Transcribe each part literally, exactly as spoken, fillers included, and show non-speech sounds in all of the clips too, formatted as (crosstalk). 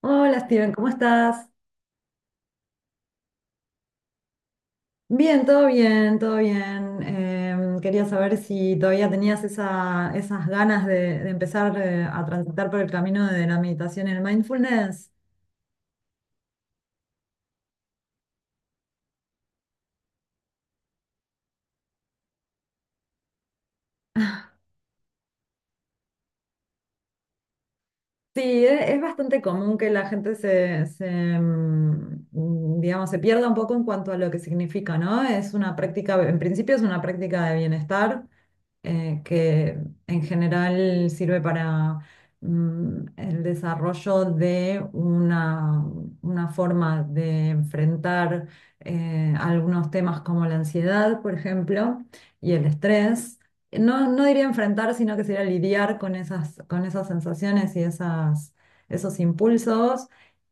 Hola Steven, ¿cómo estás? Bien, todo bien, todo bien. Em, quería saber si todavía tenías esa- esas ganas de, de empezar eh, a transitar por el camino de la meditación y el mindfulness. Sí, e- es bastante común que la gente se, se, mm, mm, digamos, se pierda un poco en cuanto a lo que significa, ¿no? Es una práctica, en principio es una práctica de bienestar, eh, que en general sirve para mm, el desarrollo de una, una forma de enfrentar eh, algunos temas como la ansiedad, por ejemplo, y el estrés. No, no diría enfrentar, sino que sería lidiar con esas, con esas sensaciones y esas, esos impulsos.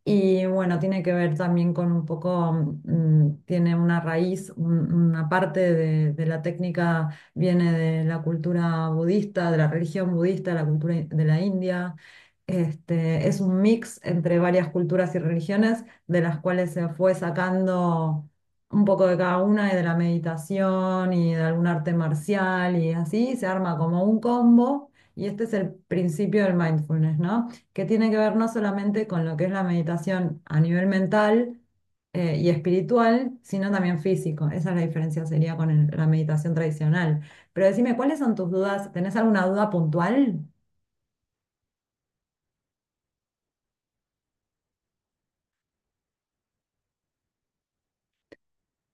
Y bueno, tiene que ver también con un poco, mm, tiene una raíz, un- una parte de de la técnica viene de la cultura budista, de la religión budista, de la cultura in- de la India. Este, es un mix entre varias culturas y religiones, de las cuales se fue sacando un poco de cada una y de la meditación y de algún arte marcial y así, se arma como un combo. Y este es el principio del mindfulness, ¿no? Que tiene que ver no solamente con lo que es la meditación a nivel mental, eh, y espiritual, sino también físico. Esa es la diferencia, sería con el- la meditación tradicional. Pero decime, ¿cuáles son tus dudas? ¿Tenés alguna duda puntual?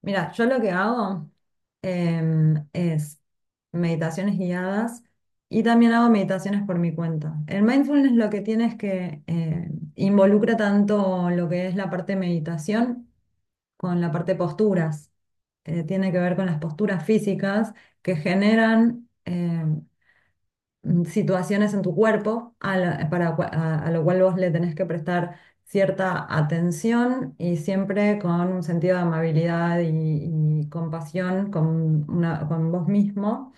Mira, yo lo que hago em, es meditaciones guiadas y también hago meditaciones por mi cuenta. El mindfulness lo que tiene es que eh, involucra tanto lo que es la parte de meditación con la parte de posturas. Eh, tiene que ver con las posturas físicas que generan eh, mm, situaciones en tu cuerpo a, la- para, cua- a, a lo cual vos le tenés que prestar cierta atención y siempre con un sentido de amabilidad y, y compasión con, una- con vos mismo,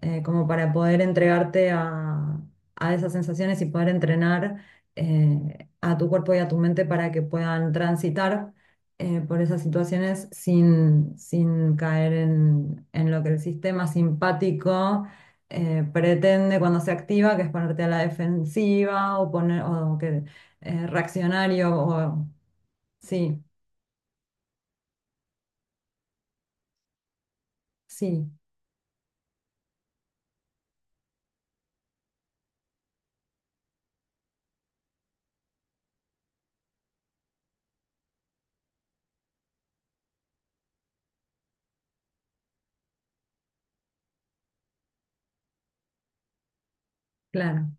eh, como para poder entregarte a, a esas sensaciones y poder entrenar eh, a tu cuerpo y a tu mente para que puedan transitar eh, por esas situaciones sin, sin caer en, en lo que el sistema simpático eh, pretende cuando se activa, que es ponerte a la defensiva o poner o que eh, reaccionario o sí, sí, claro,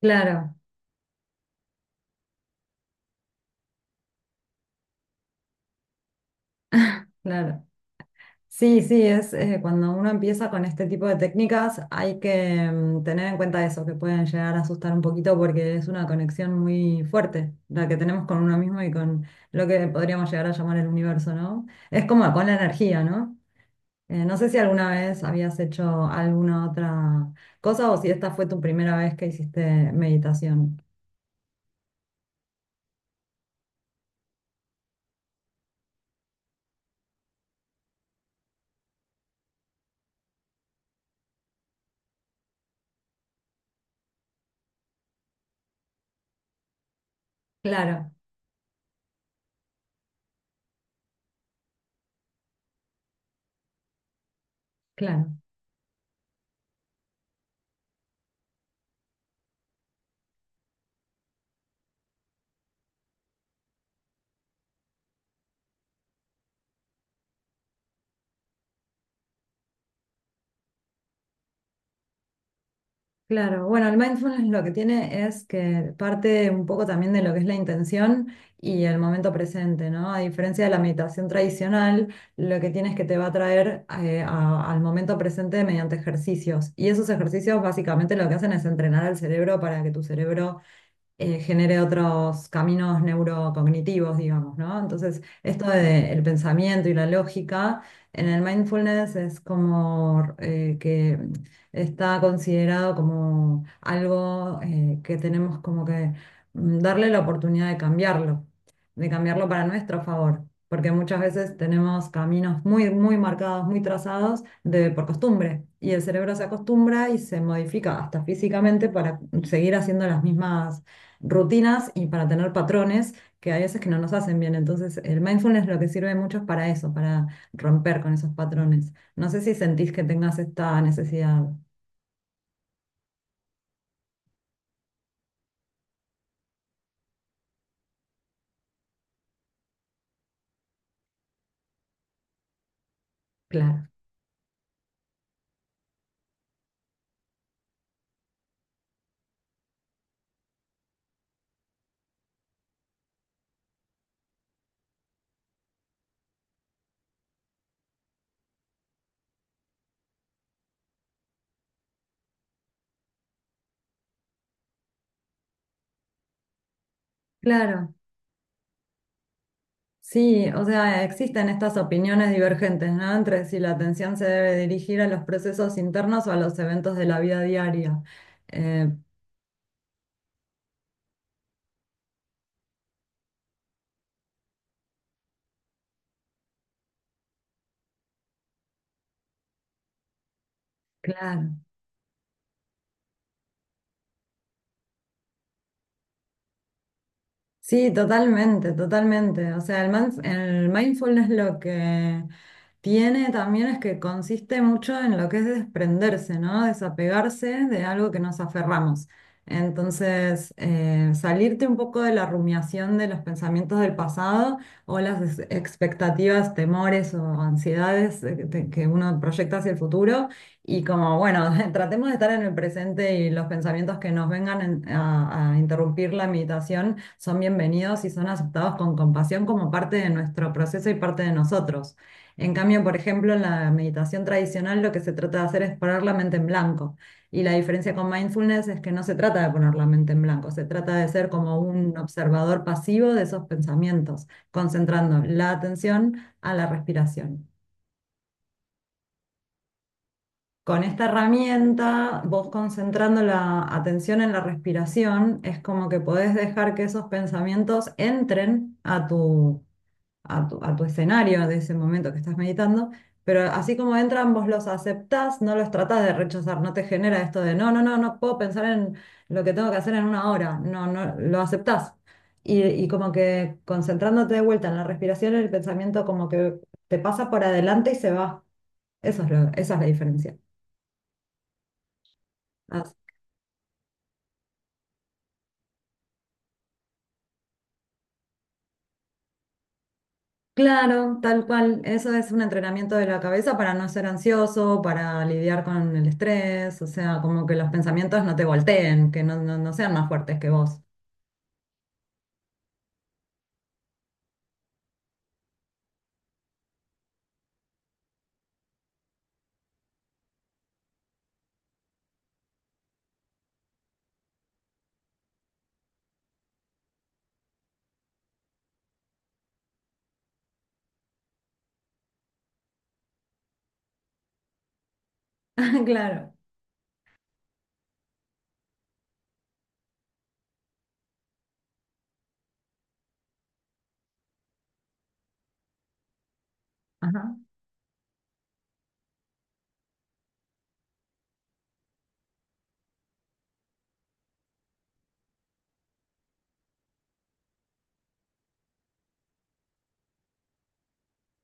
claro, claro. Sí, sí, es eh, cuando uno empieza con este tipo de técnicas hay que mm, tener en cuenta eso, que pueden llegar a asustar un poquito porque es una conexión muy fuerte la que tenemos con uno mismo y con lo que podríamos llegar a llamar el universo, ¿no? Es como con la energía, ¿no? Eh, no sé si alguna vez habías hecho alguna otra cosa o si esta fue tu primera vez que hiciste meditación. Claro, claro. Claro, bueno, el mindfulness lo que tiene es que parte un poco también de lo que es la intención y el momento presente, ¿no? A diferencia de la meditación tradicional, lo que tiene es que te va a traer eh, a- al momento presente mediante ejercicios. Y esos ejercicios básicamente lo que hacen es entrenar al cerebro para que tu cerebro eh, genere otros caminos neurocognitivos, digamos, ¿no? Entonces, esto del pensamiento y la lógica en el mindfulness es como eh, que está considerado como algo eh, que tenemos como que mm, darle la oportunidad de cambiarlo, de cambiarlo para nuestro favor. Porque muchas veces tenemos caminos muy, muy marcados, muy trazados de, por costumbre. Y el cerebro se acostumbra y se modifica hasta físicamente para seguir haciendo las mismas rutinas y para tener patrones que hay veces que no nos hacen bien. Entonces, el mindfulness lo que sirve mucho es para eso, para romper con esos patrones. No sé si sentís que tengas esta necesidad. Claro. Claro. Sí, o sea, existen estas opiniones divergentes, ¿no? Entre si la atención se debe dirigir a los procesos internos o a los eventos de la vida diaria. Eh, claro. Sí, totalmente, totalmente. O sea, el, mindf- el mindfulness lo que tiene también es que consiste mucho en lo que es desprenderse, ¿no? Desapegarse de algo que nos aferramos. Entonces, eh, salirte un poco de la rumiación de los pensamientos del pasado o las ex- expectativas, temores o ansiedades eh, que te- que uno proyecta hacia el futuro y como, bueno, (laughs) tratemos de estar en el presente y los pensamientos que nos vengan en- a a interrumpir la meditación son bienvenidos y son aceptados con compasión como parte de nuestro proceso y parte de nosotros. En cambio, por ejemplo, en la meditación tradicional lo que se trata de hacer es poner la mente en blanco. Y la diferencia con mindfulness es que no se trata de poner la mente en blanco, se trata de ser como un observador pasivo de esos pensamientos, concentrando la atención a la respiración. Con esta herramienta, vos concentrando la atención en la respiración, es como que podés dejar que esos pensamientos entren a tu a tu, a tu escenario de ese momento que estás meditando, pero así como entran, vos los aceptás, no los tratás de rechazar, no te genera esto de no, no, no, no puedo pensar en lo que tengo que hacer en una hora, no, no, lo aceptás. Y, y como que concentrándote de vuelta en la respiración, el pensamiento como que te pasa por adelante y se va. Eso es lo- esa es la diferencia. Claro, tal cual. Eso es un entrenamiento de la cabeza para no ser ansioso, para lidiar con el estrés, o sea, como que los pensamientos no te volteen, que no, no, no sean más fuertes que vos. (laughs) Claro. Ajá.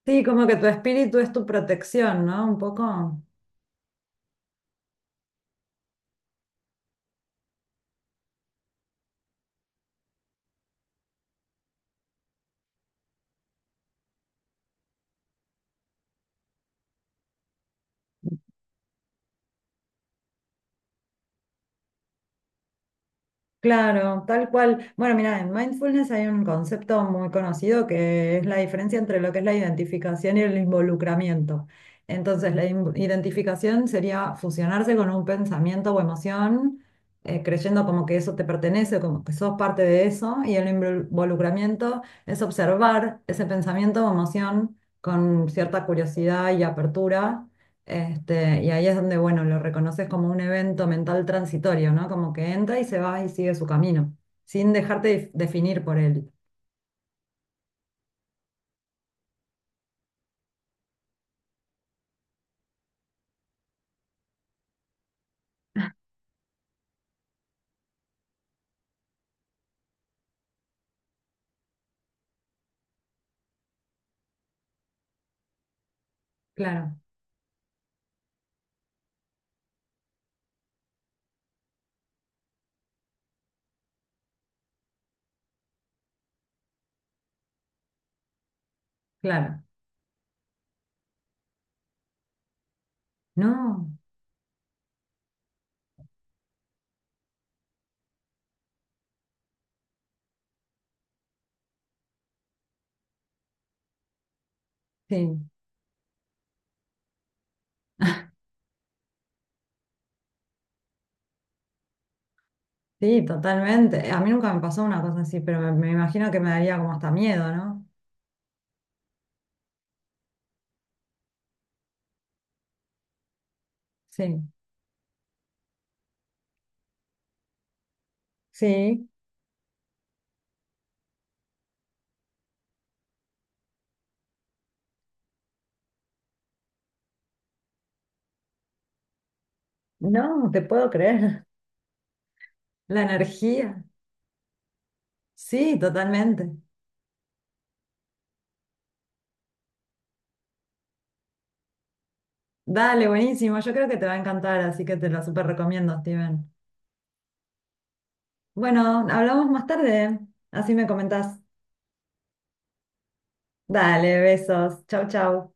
Sí, como que tu espíritu es tu protección, ¿no? Un poco. Claro, tal cual. Bueno, mira, en mindfulness hay un concepto muy conocido que es la diferencia entre lo que es la identificación y el involucramiento. Entonces, la in- identificación sería fusionarse con un pensamiento o emoción, eh, creyendo como que eso te pertenece, como que sos parte de eso, y el invol- involucramiento es observar ese pensamiento o emoción con cierta curiosidad y apertura este, y ahí es donde, bueno, lo reconoces como un evento mental transitorio, ¿no? Como que entra y se va y sigue su camino, sin dejarte def- definir por él. Claro, claro. No, sí, sí, totalmente. A mí nunca me pasó una cosa así, pero me, me imagino que me daría como hasta miedo, ¿no? Sí, sí. No, te puedo creer. La energía. Sí, totalmente. Dale, buenísimo. Yo creo que te va a encantar, así que te lo súper recomiendo, Steven. Bueno, hablamos más tarde. Así me comentás. Dale, besos. Chau, chau.